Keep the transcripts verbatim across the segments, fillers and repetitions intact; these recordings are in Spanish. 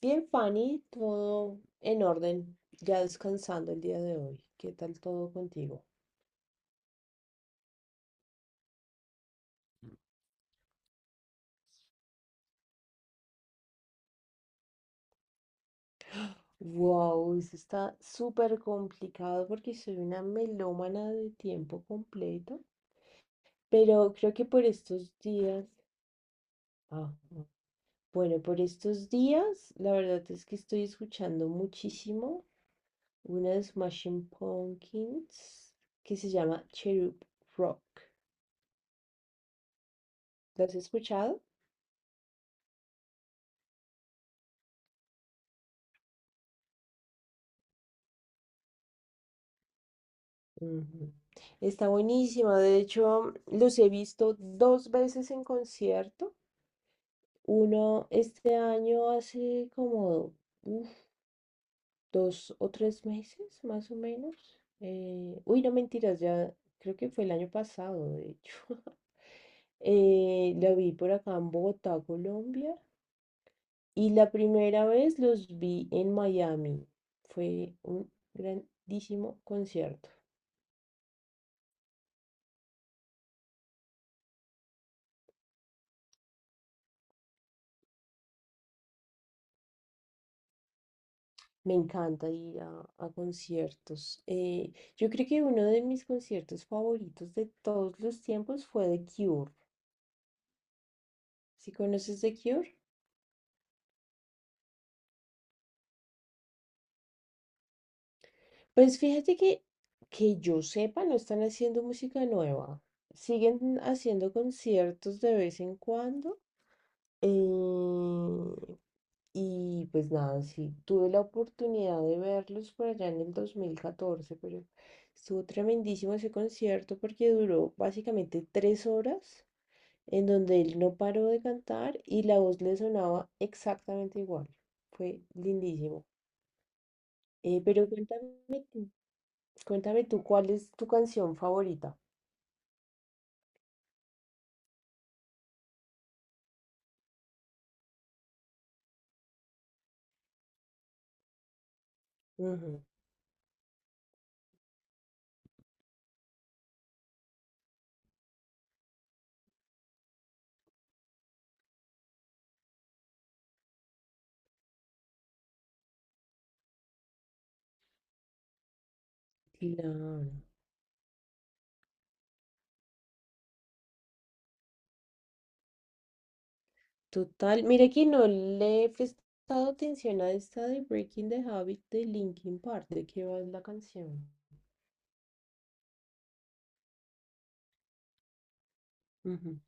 Bien, Fanny, todo en orden, ya descansando el día de hoy. ¿Qué tal todo contigo? Wow, eso está súper complicado porque soy una melómana de tiempo completo, pero creo que por estos días, ah, bueno, por estos días, la verdad es que estoy escuchando muchísimo una de Smashing Pumpkins que se llama Cherub Rock. ¿Lo has escuchado? Ujú. Está buenísima. De hecho, los he visto dos veces en concierto. Uno este año hace como uf, dos o tres meses, más o menos. Eh, uy, no mentiras, ya creo que fue el año pasado, de hecho. Eh, la vi por acá en Bogotá, Colombia. Y la primera vez los vi en Miami. Fue un grandísimo concierto. Me encanta ir a, a conciertos. Eh, yo creo que uno de mis conciertos favoritos de todos los tiempos fue The Cure. ¿Sí conoces The Cure? Pues fíjate que, que yo sepa, no están haciendo música nueva. Siguen haciendo conciertos de vez en cuando. eh, y pues nada, sí, tuve la oportunidad de verlos por allá en el dos mil catorce, pero estuvo tremendísimo ese concierto porque duró básicamente tres horas en donde él no paró de cantar y la voz le sonaba exactamente igual. Fue lindísimo. Eh, pero cuéntame, tú- cuéntame tú, ¿cuál es tu canción favorita? Ujú. Claro, total. Mira que no le he prestado atención a esta de Breaking the Habit de Linkin Park. ¿De qué va la canción? Ujú.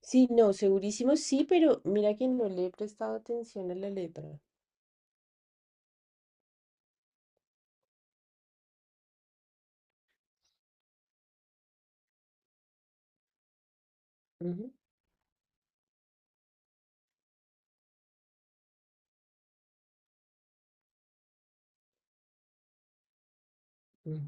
Sí, no, segurísimo sí, pero mira que no le he prestado atención a la letra. Ujú, ujú.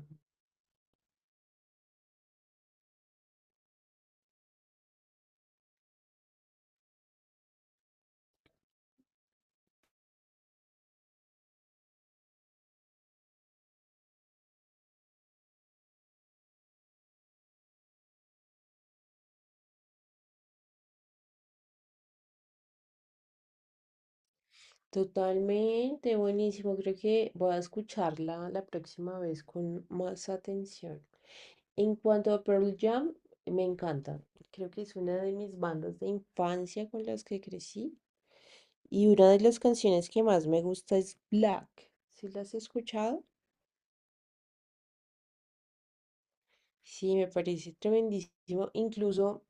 Totalmente, buenísimo. Creo que voy a escucharla la próxima vez con más atención. En cuanto a Pearl Jam, me encanta. Creo que es una de mis bandas de infancia con las que crecí. Y una de las canciones que más me gusta es Black. ¿Sí las has escuchado? Sí, me parece tremendísimo. Incluso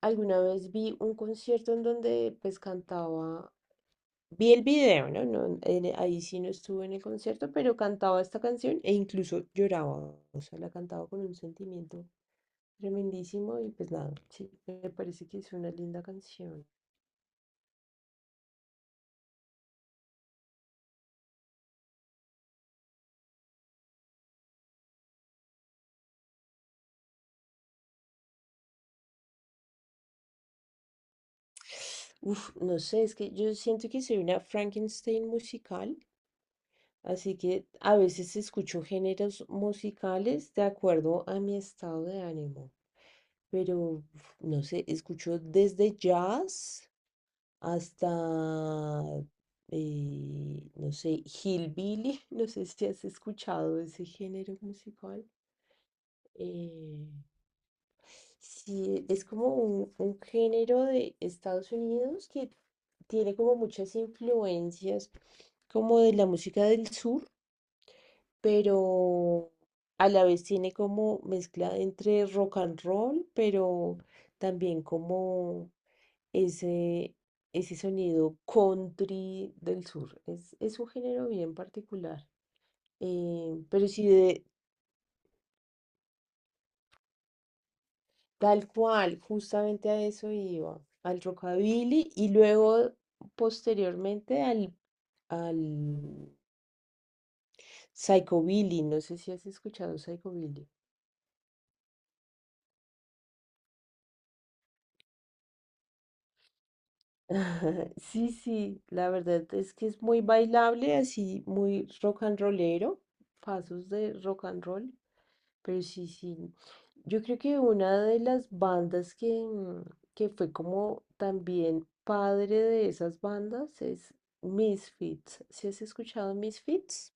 alguna vez vi un concierto en donde pues cantaba. Vi el video, ¿no? No, en- eh, ahí sí no estuve en el concierto, pero cantaba esta canción e incluso lloraba. O sea, la cantaba con un sentimiento tremendísimo y pues nada, sí, me parece que es una linda canción. Uf, no sé, es que yo siento que soy una Frankenstein musical, así que a veces escucho géneros musicales de acuerdo a mi estado de ánimo. Pero, uf, no sé, escucho desde jazz hasta, eh, no sé, Hillbilly. No sé si has escuchado ese género musical. eh, sí, es como un, un género de Estados Unidos que tiene como muchas influencias como de la música del sur, pero a la vez tiene como mezcla entre rock and roll, pero también como ese, ese sonido country del sur. Es, es un género bien particular. Eh, pero sí, de, tal cual, justamente a eso iba, al rockabilly y luego posteriormente al, al psychobilly. No sé si has escuchado psychobilly. Sí, sí, la verdad es que es muy bailable, así muy rock and rollero, pasos de rock and roll. Pero sí, sí. Yo creo que una de las bandas que, mm, que fue como también padre de esas bandas es Misfits. ¿Sí has escuchado Misfits?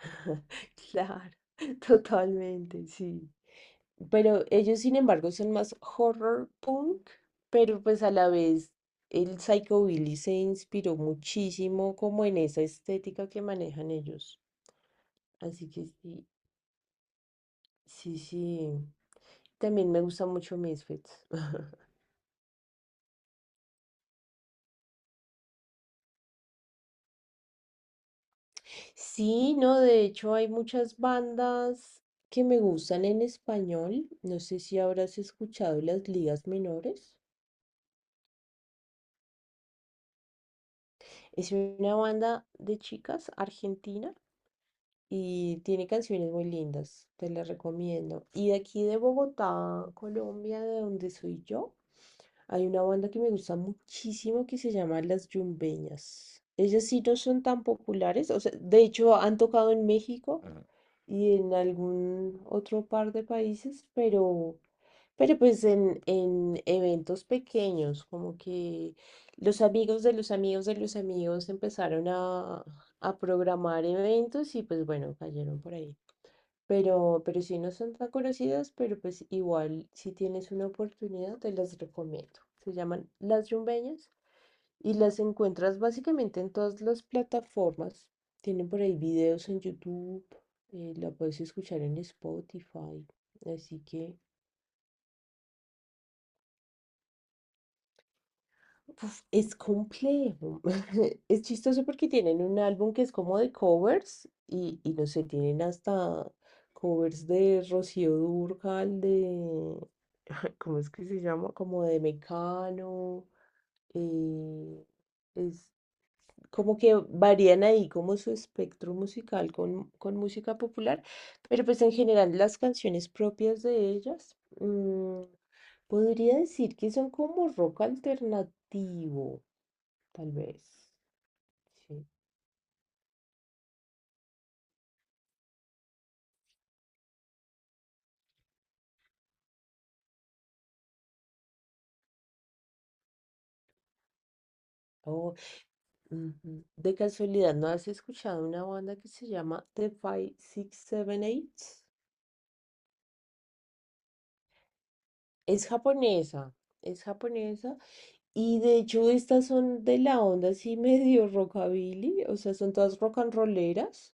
Claro, totalmente, sí. Pero ellos, sin embargo, son más horror punk, pero pues a la vez el psychobilly se inspiró muchísimo como en esa estética que manejan ellos. Así que sí, sí, sí. También me gusta mucho Misfits. Sí, no, de hecho hay muchas bandas que me gustan en español. No sé si habrás escuchado Las Ligas Menores. Es una banda de chicas argentina y tiene canciones muy lindas, te las recomiendo. Y de aquí de Bogotá, Colombia, de donde soy yo, hay una banda que me gusta muchísimo que se llama Las Yumbeñas. Ellas sí no son tan populares, o sea, de hecho han tocado en México y en algún otro par de países, pero, pero, pues en, en eventos pequeños, como que los amigos de los amigos de los amigos empezaron a, a programar eventos y pues bueno, cayeron por ahí. Pero, pero sí no son tan conocidas, pero pues igual si tienes una oportunidad te las recomiendo. Se llaman Las Yumbeñas y las encuentras básicamente en todas las plataformas. Tienen por ahí videos en YouTube, eh, la puedes escuchar en Spotify. Así que uf, es complejo. Es chistoso porque tienen un álbum que es como de covers y, y no sé, tienen hasta covers de Rocío Dúrcal, de... ¿Cómo es que se llama? Como de Mecano. eh, es, Como que varían ahí como su espectro musical con, con música popular, pero pues en general las canciones propias de ellas, mm, podría decir que son como rock alternativo, tal vez. Sí. O, ujú. De casualidad, ¿no has escuchado una banda que se llama The Five Six Seven Eight? Es japonesa, es japonesa. Y de hecho estas son de la onda así medio rockabilly, o sea, son todas rock and rolleras.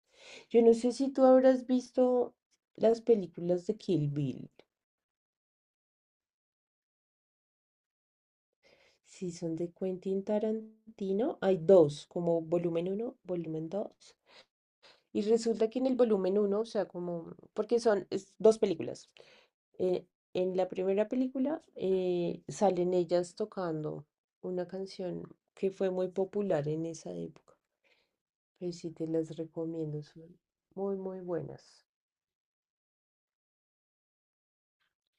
Yo no sé si tú habrás visto las películas de Kill Bill. Si son de Quentin Tarantino, hay dos, como volumen uno, volumen dos. Y resulta que en el volumen uno, o sea, como, porque son es dos películas. eh, en la primera película eh, salen ellas tocando una canción que fue muy popular en esa época. Pero sí te las recomiendo, son muy, muy buenas.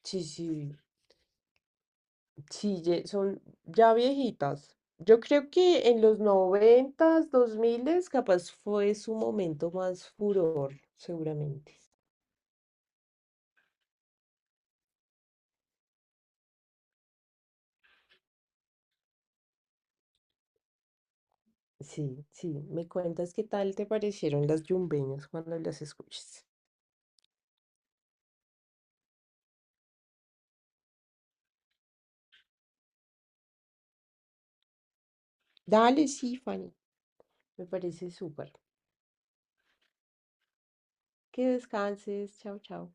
Sí, sí. Sí, ye- son ya viejitas. Yo creo que en los noventas, dos miles, capaz fue su momento más furor, seguramente. Sí, sí. Me cuentas qué tal te parecieron las yumbeñas cuando las escuches. Dale, sí, Fanny. Me parece súper. Que descanses. Chao, chao.